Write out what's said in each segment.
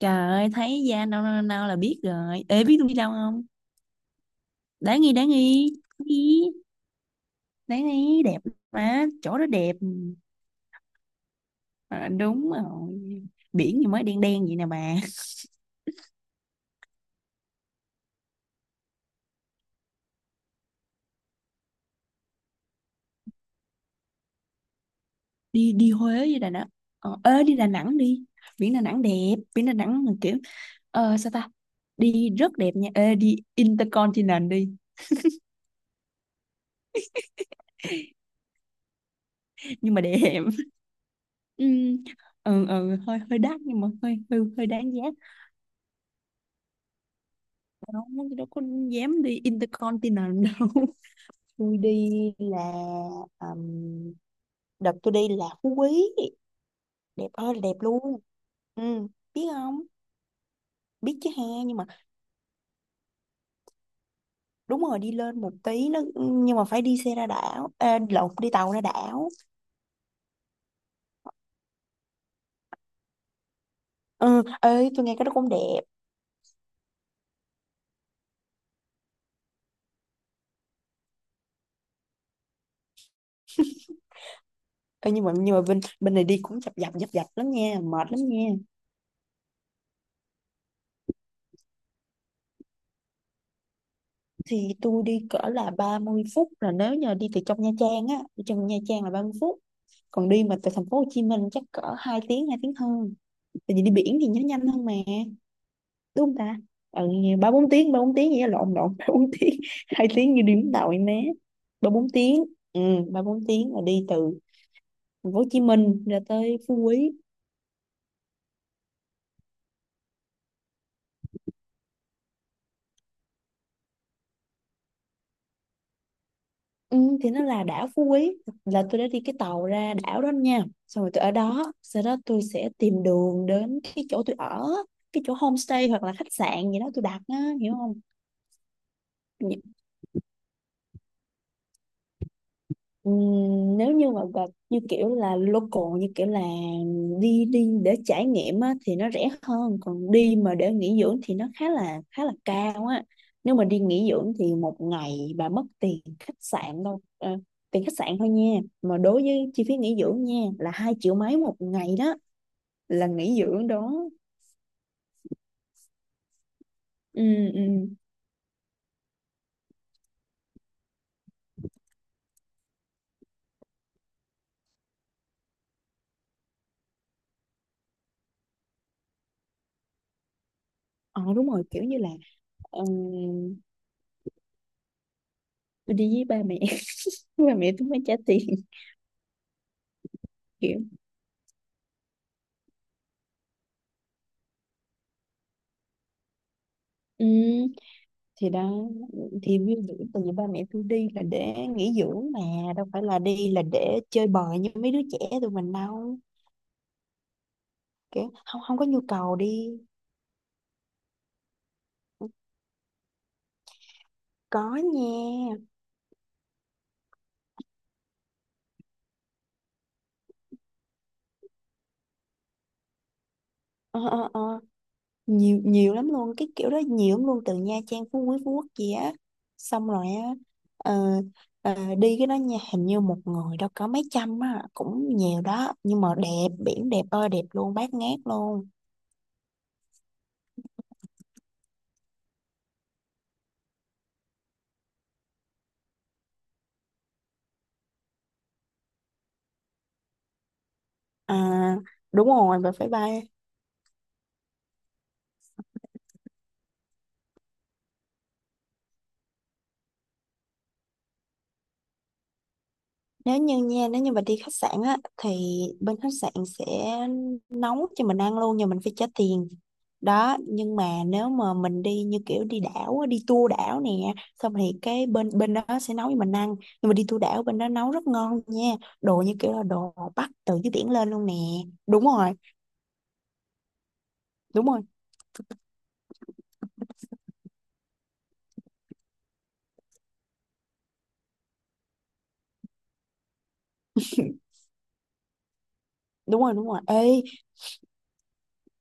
Trời ơi, thấy da nâu nâu nâu là biết rồi. Ê, biết tôi đi đâu không? Đáng nghi, đáng nghi. Đi, đáng nghi, đẹp mà. Chỗ đó đẹp. À, đúng rồi. Biển gì mới đen đen vậy nè bà. Đi đi Huế với Đà Nẵng. Ờ, ê, đi Đà Nẵng đi. Biển Đà Nẵng đẹp. Biển Đà Nẵng mà kiểu... Ờ, sao ta? Đi rất đẹp nha. Ê, đi Intercontinental đi. Nhưng mà đẹp. Ừ, ừ, ừ, hơi hơi đắt nhưng mà hơi hơi, hơi đáng giá. Không, nó đâu có dám đi Intercontinental đâu. Tôi đi là um, Đợt tôi đi là Phú Quý, đẹp ơi là đẹp luôn. Ừ, biết không? Biết chứ ha, nhưng mà đúng rồi, đi lên một tí nó, nhưng mà phải đi xe ra đảo à, lộn, đi tàu ra đảo. Ừ, ơi tôi nghe cái đó cũng đẹp. Ê, nhưng mà bên bên này đi cũng chập dập dập dập lắm nha, mệt lắm nha. Thì tôi đi cỡ là 30 phút, là nếu như đi từ trong Nha Trang á, đi trong Nha Trang là 30 phút. Còn đi mà từ thành phố Hồ Chí Minh chắc cỡ 2 tiếng, 2 tiếng hơn, tại vì đi biển thì nó nhanh hơn mà, đúng không ta? Ừ, 3 4 tiếng, 3 4 tiếng vậy, lộn lộn, 3 4 tiếng, 2 tiếng như đi Vũng Tàu em bé. 3 4 tiếng. Ừ, ba bốn tiếng là đi từ thành phố Hồ Chí Minh ra tới Phú Quý. Ừ, thì nó là đảo Phú Quý. Là tôi đã đi cái tàu ra đảo đó nha, xong rồi tôi ở đó, sau đó tôi sẽ tìm đường đến cái chỗ tôi ở, cái chỗ homestay hoặc là khách sạn gì đó tôi đặt á, hiểu không? Nếu như mà gặp như kiểu là local, như kiểu là đi đi để trải nghiệm á, thì nó rẻ hơn, còn đi mà để nghỉ dưỡng thì nó khá là cao á. Nếu mà đi nghỉ dưỡng thì một ngày bà mất tiền khách sạn đâu, tiền khách sạn thôi nha, mà đối với chi phí nghỉ dưỡng nha là 2 triệu mấy một ngày đó, là nghỉ dưỡng đó. Ừ, ừ. Ờ, đúng rồi, kiểu như là ừm, tôi đi với ba mẹ. Ba mẹ tôi mới trả tiền kiểu. Ừ, thì đó, thì ví dụ tại vì ba mẹ tôi đi là để nghỉ dưỡng mà, đâu phải là đi là để chơi bời như mấy đứa trẻ tụi mình đâu, kiểu không, có nhu cầu đi. Có nha. Ờ, ờ, ờ. Nhiều nhiều lắm luôn, cái kiểu đó nhiều lắm luôn, từ Nha Trang, Phú Quý, Phú Quốc gì á, xong rồi á. ờ, Đi cái đó nha, hình như một người đâu có mấy trăm á, cũng nhiều đó, nhưng mà đẹp, biển đẹp ơi đẹp luôn, bát ngát luôn. À đúng rồi, bye bye. Nếu như mà đi khách sạn á, thì bên khách sạn sẽ nấu cho mình ăn luôn, nhưng mình phải trả tiền đó. Nhưng mà nếu mà mình đi như kiểu đi đảo á, đi tour đảo nè, xong thì cái bên bên đó sẽ nấu cho mình ăn, nhưng mà đi tour đảo bên đó nấu rất ngon nha, đồ như kiểu là đồ bắt từ dưới biển lên luôn nè. Đúng rồi. Đúng rồi, đúng rồi, đúng rồi ê.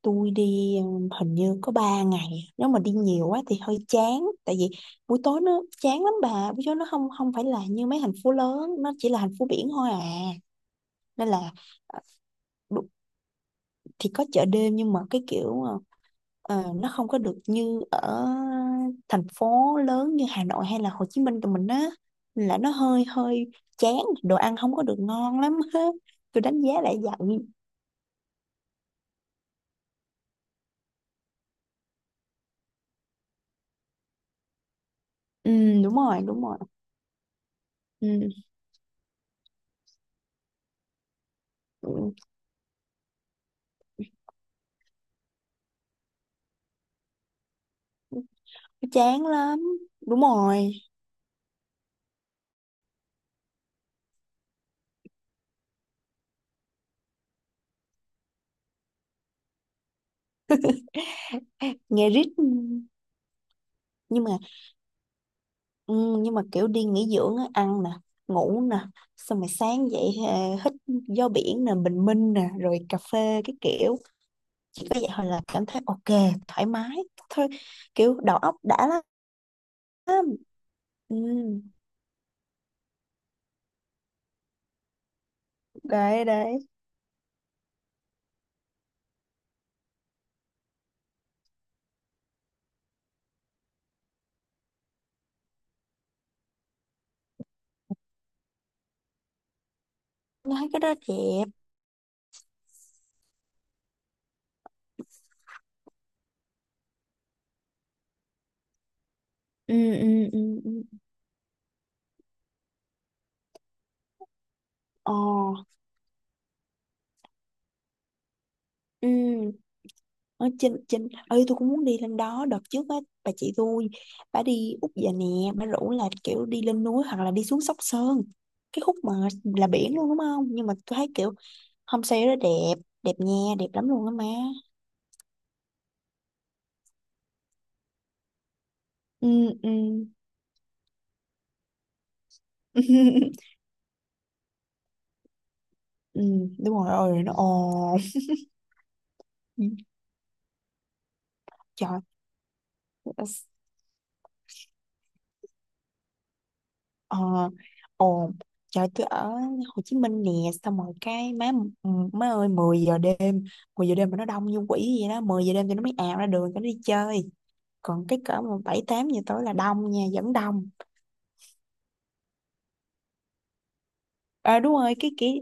Tôi đi hình như có 3 ngày, nếu mà đi nhiều quá thì hơi chán, tại vì buổi tối nó chán lắm bà, buổi tối nó không không phải là như mấy thành phố lớn, nó chỉ là thành phố biển thôi à, nên là ờ, đu- thì có chợ đêm, nhưng mà cái kiểu nó không có được như ở thành phố lớn như Hà Nội hay là Hồ Chí Minh tụi mình á. Nên là nó hơi hơi chán, đồ ăn không có được ngon lắm á, tôi đánh giá lại vậy. Ừ, đúng rồi, đúng rồi. Ừ. Ừ. Chán lắm. Đúng rồi. Nghe rít. Nhưng mà, ừ, nhưng mà kiểu đi nghỉ dưỡng á, ăn nè, ngủ nè, xong rồi sáng dậy hít gió biển nè, bình minh nè, rồi cà phê cái kiểu, chỉ có vậy thôi là cảm thấy ok, thoải mái thôi, kiểu đầu óc đã lắm. Ừ, đấy đấy. Nói cái đó đẹp. Ừ ừ ừ ừ. Ờ. Ừ. Ở trên trên ơi tôi cũng muốn đi lên đó, đợt trước á bà chị tôi, bà đi Úc về nè, bà rủ là kiểu đi lên núi hoặc là đi xuống Sóc Sơn, cái khúc mà là biển luôn đúng không, nhưng mà tôi thấy kiểu homestay đó đẹp, đẹp nha, đẹp lắm luôn á má. Ừ ừ. Ừ, đúng rồi, ơi nó ồn. Trời. ờ Ồn. Trời, tôi ở Hồ Chí Minh nè, xong rồi cái má, má ơi, 10 giờ đêm, 10 giờ đêm mà nó đông như quỷ vậy đó, 10 giờ đêm thì nó mới ào ra đường cho nó đi chơi, còn cái cỡ mà 7 8 giờ tối là đông nha, vẫn đông. À, đúng rồi cái kỷ.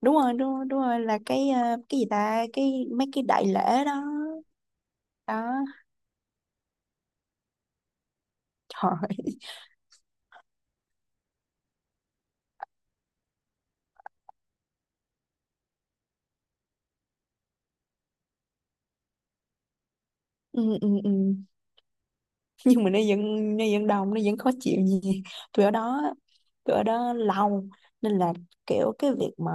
Đúng rồi, đúng rồi, đúng rồi là cái cái gì ta, cái mấy cái đại lễ đó. Đó, trời ơi. Ừ, ừ, ừ. Nhưng mà nó vẫn đông, nó vẫn khó chịu gì. tôi ở đó tôi ở đó lâu, nên là kiểu cái việc mà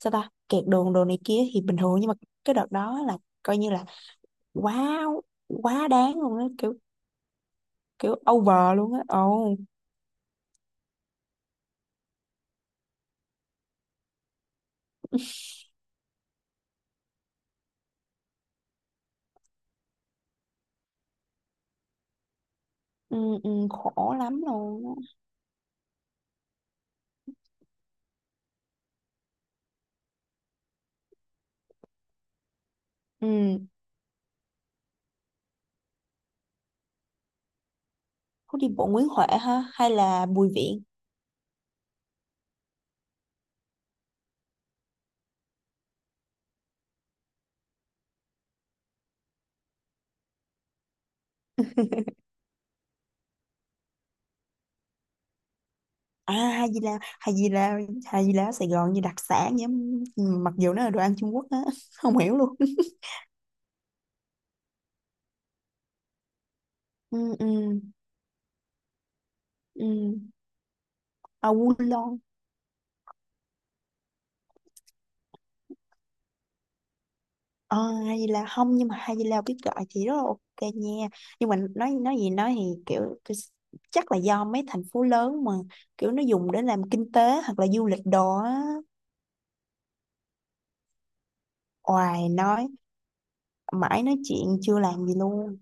sao ta, kẹt đường đồ này kia thì bình thường, nhưng mà cái đợt đó là coi như là quá, quá đáng luôn á, kiểu kiểu over luôn á. Ồ. Ừ, ừ, khổ lắm luôn. Ừ, phố đi bộ Nguyễn Huệ ha, hay là Bùi Viện? À hay gì là, hay gì là, hay gì là ở Sài Gòn như đặc sản vậy. Ừ, mặc dù nó là đồ ăn Trung Quốc á. Không hiểu luôn. Ừ ừ ừ. À Quân Lon. À, hay gì là, không nhưng mà hay gì là biết gọi thì rất là ok nha, nhưng mà nói gì nói thì kiểu cái-, chắc là do mấy thành phố lớn mà kiểu nó dùng để làm kinh tế hoặc là du lịch đồ á. Oài, nói mãi nói chuyện chưa làm gì luôn.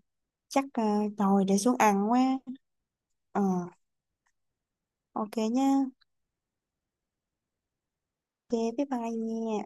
Chắc rồi để xuống ăn quá. Ờ, ok nhá. Ok bye bye nha.